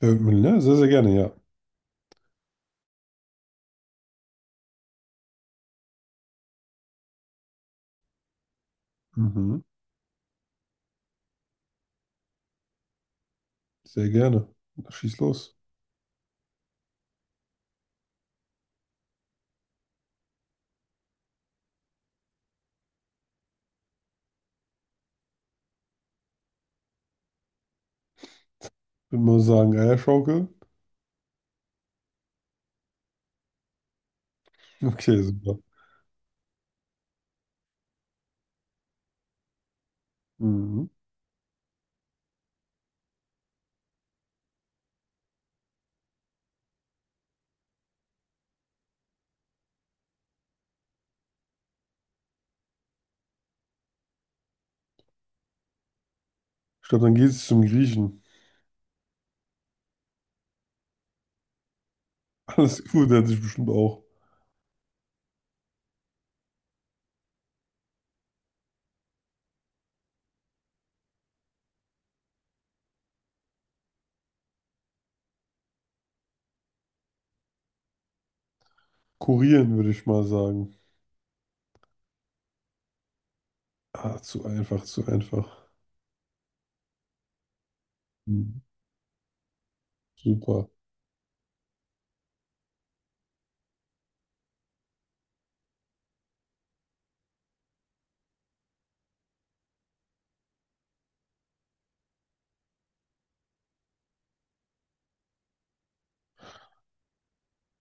Äh, ja, sehr sehr gerne, ja. Mhm. Sehr gerne. Schieß los. Würde mal sagen, Eierschaukel. Okay, super. Mhm. Ich glaube, dann geht es zum Griechen. Alles gut, der hat sich bestimmt auch kurieren, würde ich mal sagen. Ah, zu einfach, zu einfach. Mhm. Super.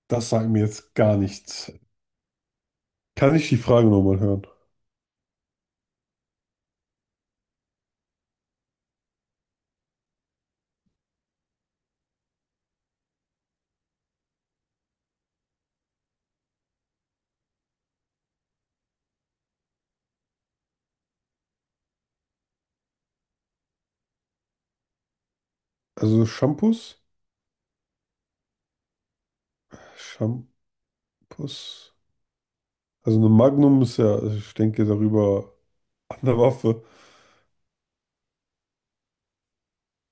Das sagt mir jetzt gar nichts. Kann ich die Frage nochmal hören? Also Shampoos? Shampoos? Also eine Magnum ist ja, ich denke darüber an der Waffe.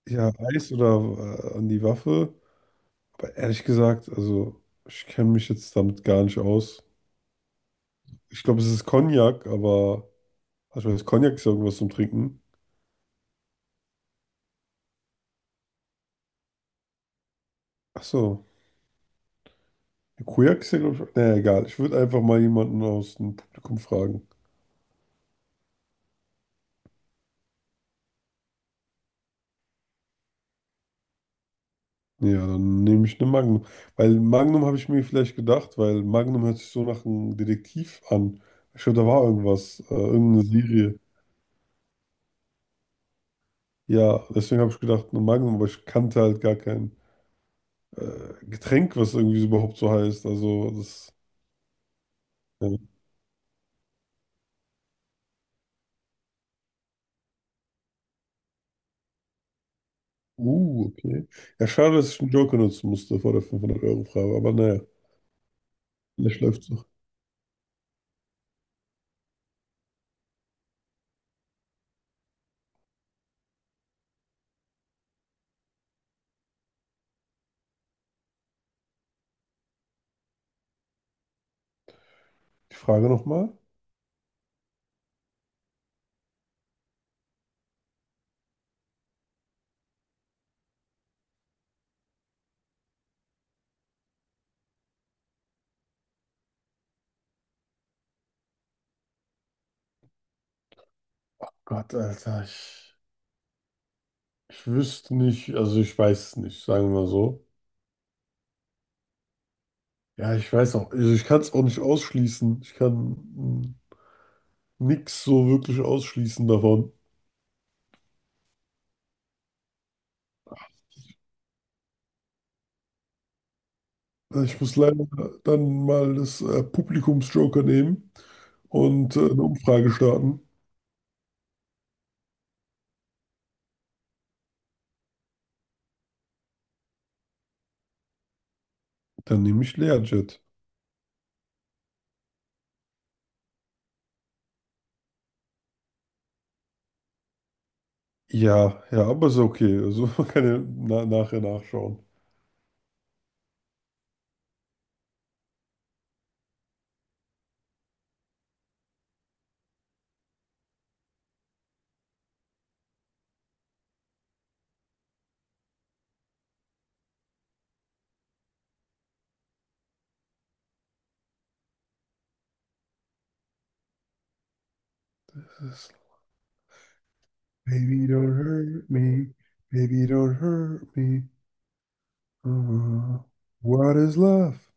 Ja, Eis oder an die Waffe. Aber ehrlich gesagt, also ich kenne mich jetzt damit gar nicht aus. Ich glaube, es ist Cognac, aber also ich weiß, Cognac ist ja irgendwas zum Trinken. Ach so, Cognac ist ja, glaube ich. Naja, egal. Ich würde einfach mal jemanden aus dem Publikum fragen. Ja, dann nehme ich eine Magnum. Weil Magnum habe ich mir vielleicht gedacht, weil Magnum hört sich so nach einem Detektiv an. Ich glaube, da war irgendwas, irgendeine Serie. Ja, deswegen habe ich gedacht, eine Magnum, aber ich kannte halt gar kein Getränk, was irgendwie so überhaupt so heißt. Also das. Ja. Okay. Ja, schade, dass ich einen Joker nutzen musste vor der 500-Euro-Frage, aber naja, vielleicht läuft's noch. Die Frage nochmal. Gott, Alter, ich wüsste nicht, also ich weiß es nicht, sagen wir mal so. Ja, ich weiß auch, also ich kann es auch nicht ausschließen. Ich kann nichts so wirklich ausschließen davon. Ich muss leider dann mal das Publikumsjoker nehmen und eine Umfrage starten. Dann nehme ich Learjet. Ja, ja, aber ist okay. Also man kann ja na nachher nachschauen. Baby, don't hurt me. Baby, don't hurt me. Uh, what is love?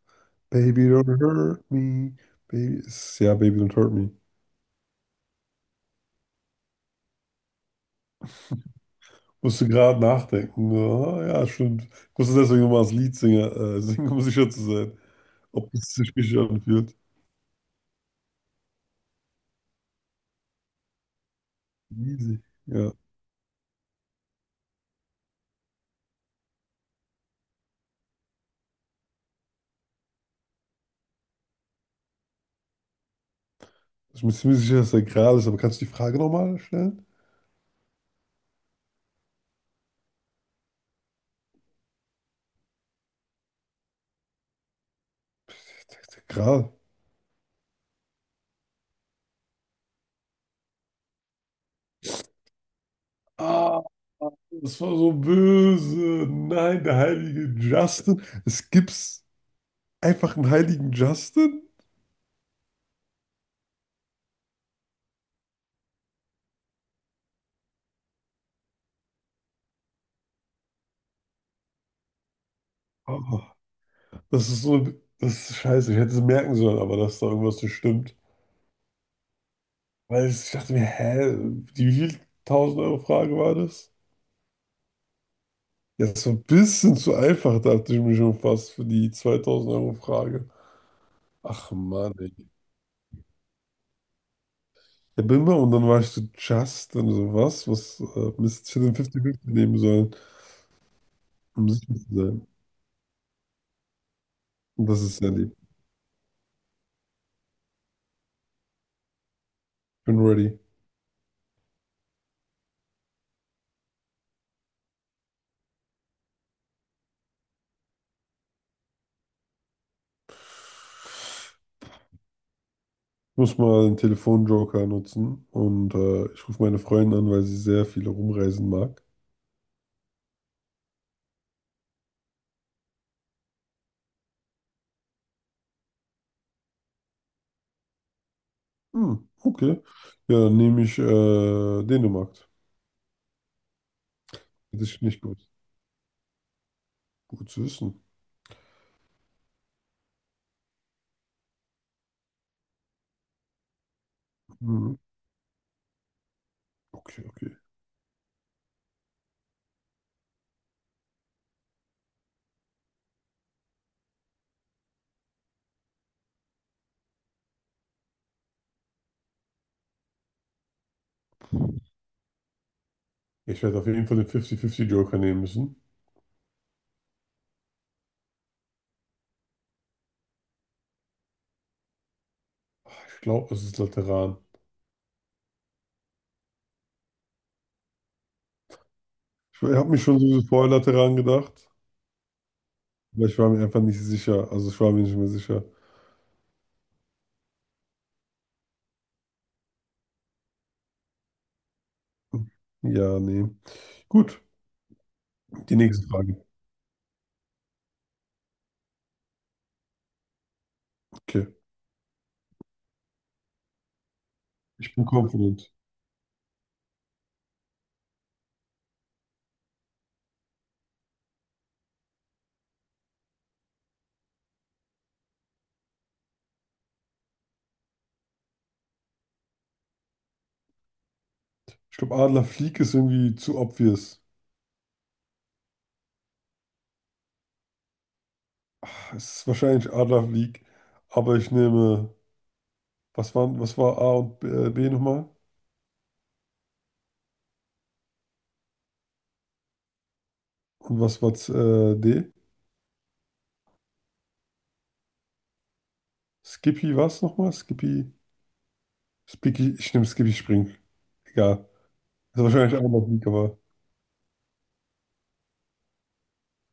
Baby, don't hurt me. Baby, ist- ja, Baby, don't hurt me. Musste gerade nachdenken. Ah, ja, stimmt. Ich musste deswegen nochmal das Lied singen, singen, um sicher zu sein, ob es sich richtig anfühlt. Easy. Ja. Ich bin mir ziemlich sicher, dass der Gral ist, aber kannst du die Frage nochmal stellen? Der Gral. Ah, das war so böse. Nein, der heilige Justin. Es gibt's. Einfach einen heiligen Justin? Oh, das ist so, das ist scheiße. Ich hätte es merken sollen, aber dass da irgendwas nicht stimmt. Weil ich dachte mir, hä, die wie viel 1000-Euro Frage war das? Ja, das war ein bisschen zu einfach, dachte ich mir schon fast für die 2000-Euro Frage. Ach Mann, ey. Ja, bin mal und dann war ich so Justin, so was, was Mist, ich hätte den 50-50 nehmen sollen, um sicher zu sein. Und das ist ja lieb. Ich bin ready. Muss mal den Telefonjoker nutzen und ich rufe meine Freundin an, weil sie sehr viel rumreisen mag. Hm, okay. Ja, dann nehme ich Dänemark. Hätte ich nicht gewusst. Gut zu wissen. Hm, okay, okay. Ich werde auf jeden Fall den 50-50-Joker nehmen müssen. Ah, ich glaube, es ist Lateran. Ich habe mich schon so vorher Lateran gedacht, aber ich war mir einfach nicht sicher. Also ich war mir nicht mehr sicher. Ja, nee. Gut, die nächste Frage. Okay. Ich bin confident. Ich glaube, Adlerflieg ist irgendwie zu obvious. Es ist wahrscheinlich Adler League, aber ich nehme, was waren, was war A und B, B nochmal? Und was war D? Skippy was nochmal? Skippy, Spicky, ich nehme Skippy Spring. Egal. Das ist wahrscheinlich Adler League, aber.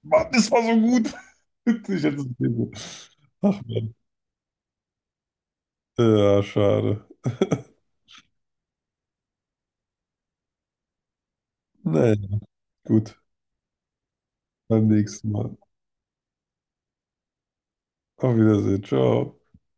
Mann, das war so gut. Ich hätte es gelesen. Ach Mann. Ja, schade. Naja, gut. Beim nächsten Mal. Auf Wiedersehen. Ciao.